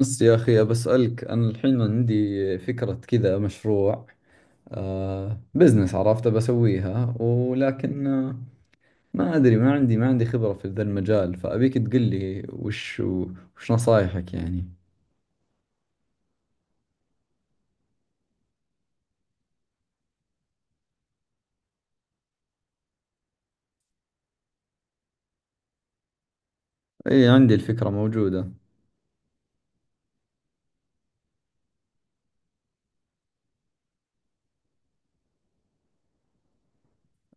بس يا أخي، بسألك أنا الحين عندي فكرة كذا مشروع، بزنس، عرفت بسويها، ولكن ما أدري، ما عندي خبرة في ذا المجال، فأبيك تقول لي وش نصايحك يعني. أي، عندي الفكرة موجودة.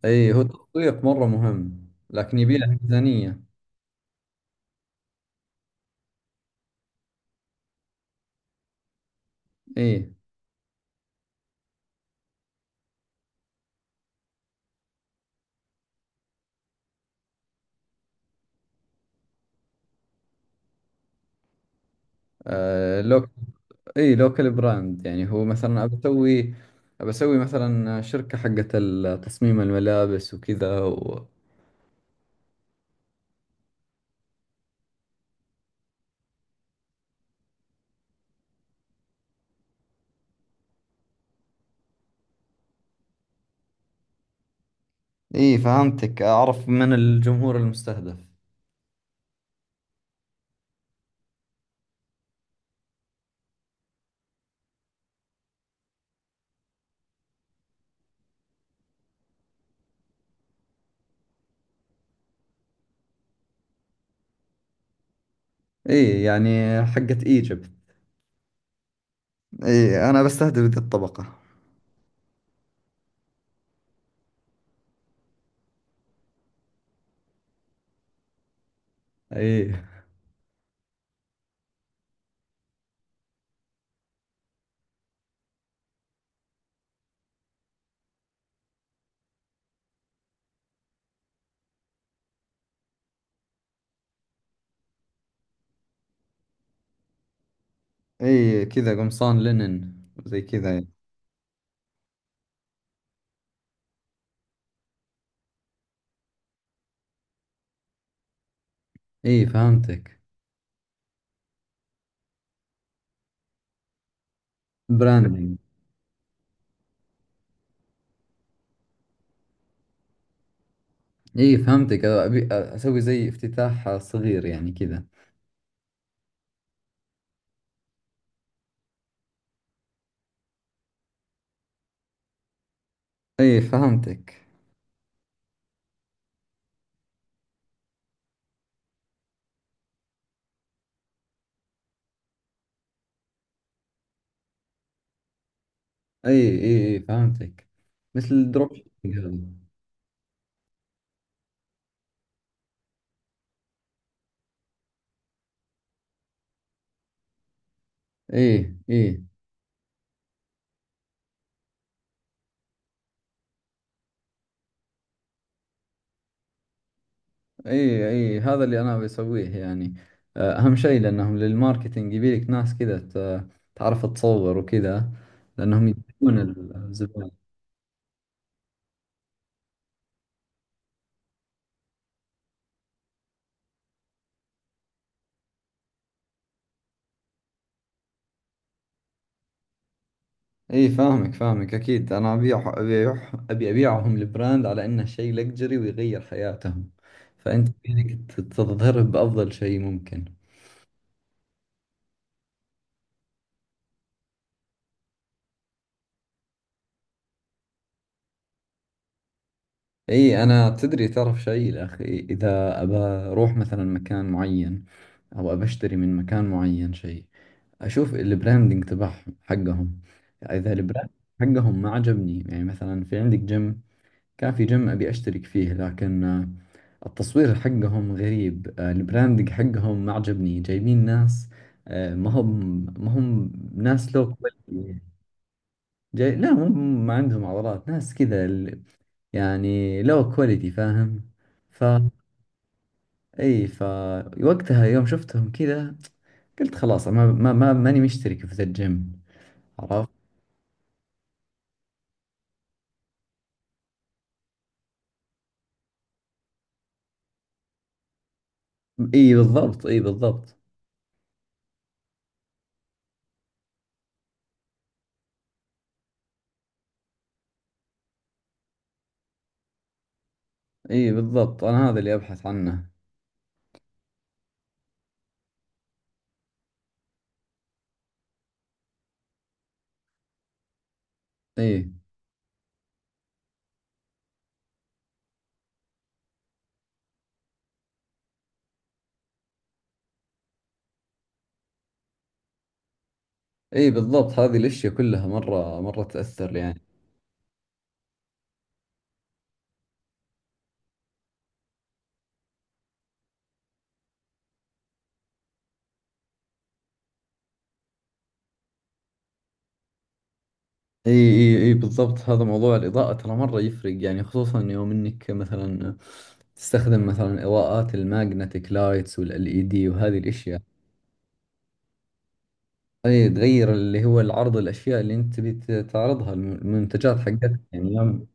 أي، هو التسويق مرة مهم، لكن يبي له ميزانية. أي، آه لوك أي لوكال براند، يعني هو مثلا أبي أسوي، أبي أسوي مثلا شركة حقت تصميم الملابس وكذا. اي فهمتك، اعرف من الجمهور المستهدف. اي يعني حقت ايجيبت. اي، انا بستهدف ذي الطبقة. اي، اي كذا قمصان لينن زي كذا يعني. اي فهمتك. براندنج. اي فهمتك، ابي اسوي زي افتتاح صغير يعني كذا. اي فهمتك. اي، اي، اي فهمتك، مثل الدروب شيبينج هذا. اي، اي، اي، اي هذا اللي انا بسويه يعني. اهم شيء لانهم للماركتينج يبيلك ناس كذا تعرف تصور وكذا، لانهم يدرون الزبائن. اي فاهمك فاهمك، اكيد انا ابي ابيعهم البراند على انه شيء لكجري ويغير حياتهم، فانت يبيلك تظهره بافضل شيء ممكن. اي، انا تدري تعرف شيء يا اخي، اذا ابى اروح مثلا مكان معين او ابى اشتري من مكان معين شيء، اشوف البراندنج تبعهم حقهم، اذا البراند حقهم ما عجبني. يعني مثلا في عندك جيم، كان في جيم ابي اشترك فيه، لكن التصوير حقهم غريب، البراندنج حقهم ما عجبني، جايبين ناس، ما هم ناس لو كواليتي، جاي لا، مو ما عندهم عضلات، ناس كذا يعني لو كواليتي، فاهم؟ ف اي، وقتها يوم شفتهم كذا قلت خلاص، ما ما ما ماني مشترك في ذا الجيم، عرفت؟ اي بالضبط، اي بالضبط. اي بالضبط، انا هذا اللي ابحث عنه. اي، اي بالضبط، هذه الاشياء كلها مرة مرة تأثر يعني. اي، اي، اي بالضبط، هذا موضوع الإضاءة، ترى مرة يفرق يعني، خصوصا يوم انك مثلا تستخدم مثلا إضاءات الماجنتيك لايتس والال اي دي وهذه الاشياء. اي، تغير اللي هو العرض، الاشياء اللي انت تبي تعرضها، المنتجات حقتك يعني يوم.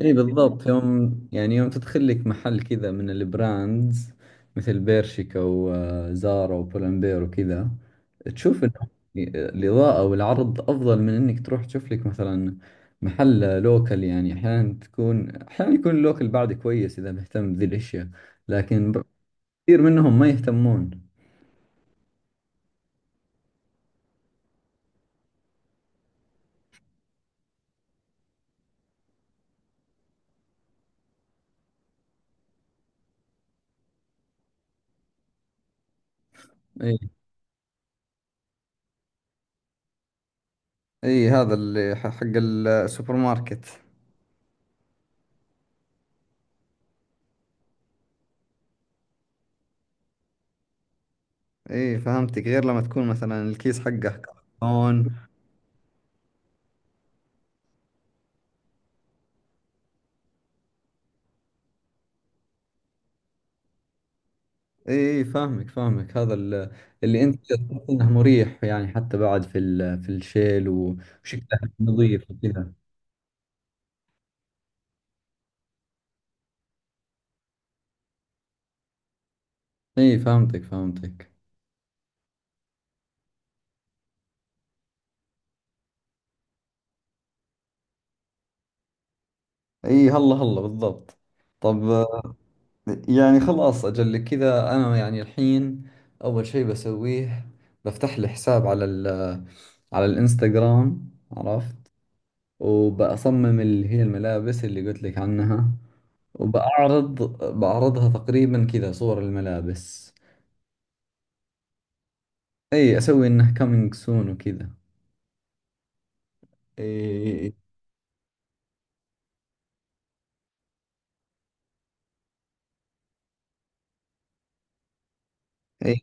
اي بالضبط، يوم يعني يوم تدخل لك محل كذا من البراندز مثل بيرشيكا وزارا وبولمبير وكذا، تشوف انه الاضاءة والعرض افضل من انك تروح تشوف لك مثلا محل لوكل. يعني احيانا تكون، احيانا يكون اللوكل بعد كويس اذا مهتم بذي الاشياء، لكن كثير منهم ما يهتمون. اي، اي هذا اللي حق السوبر ماركت. اي فهمتك، غير لما تكون مثلا الكيس حقه كرتون. اي فاهمك فاهمك، هذا اللي انت تحس انه مريح يعني، حتى بعد في في الشيل وشكله نظيف وكذا. اي فهمتك فهمتك. اي، هلا هلا بالضبط. طب، يعني خلاص اجل كذا، انا يعني الحين اول شيء بسويه، بفتح لي حساب على على الانستغرام، عرفت؟ وبأصمم اللي هي الملابس اللي قلت لك عنها، وبأعرض، بعرضها تقريبا كذا صور الملابس. اي اسوي انه كامينج سون وكذا. اي، اي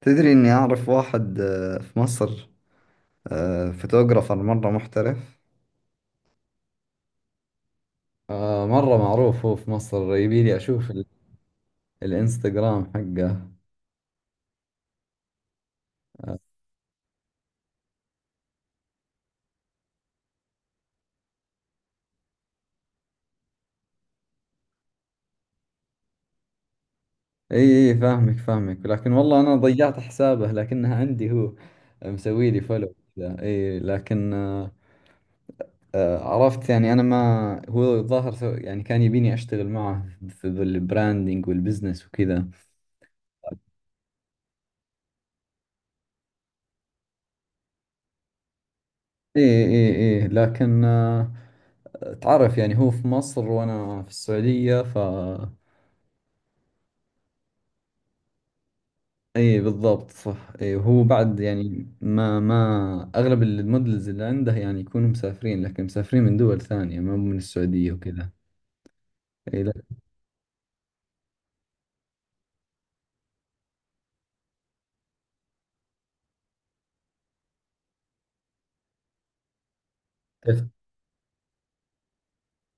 تدري اني اعرف واحد في مصر، فوتوغرافر مرة محترف، مرة معروف، هو في مصر، يبي لي اشوف الانستغرام حقه. آه، اي، اي فاهمك فاهمك، لكن والله انا ضيعت حسابه، لكنها عندي، هو مسوي لي فولو كذا، اي لكن عرفت يعني، انا ما هو الظاهر يعني كان يبيني اشتغل معه في البراندنج والبزنس وكذا. إيه، إيه، إيه لكن، تعرف يعني، هو في مصر وأنا في السعودية، إيه بالضبط، صح، إيه هو بعد يعني ما ما أغلب المودلز اللي عنده يعني يكونوا مسافرين، لكن مسافرين من دول ثانية، ما من السعودية وكذا. إيه لكن، كيف-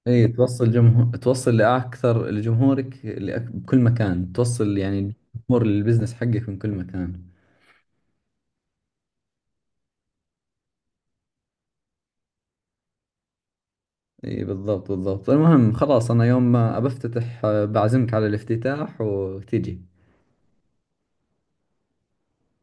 إيه توصل جمهور، توصل لأكثر لجمهورك بكل مكان، توصل يعني الجمهور للبزنس حقك من كل مكان. اي بالضبط بالضبط، المهم خلاص، انا يوم ما بفتتح بعزمك على الافتتاح وتجي.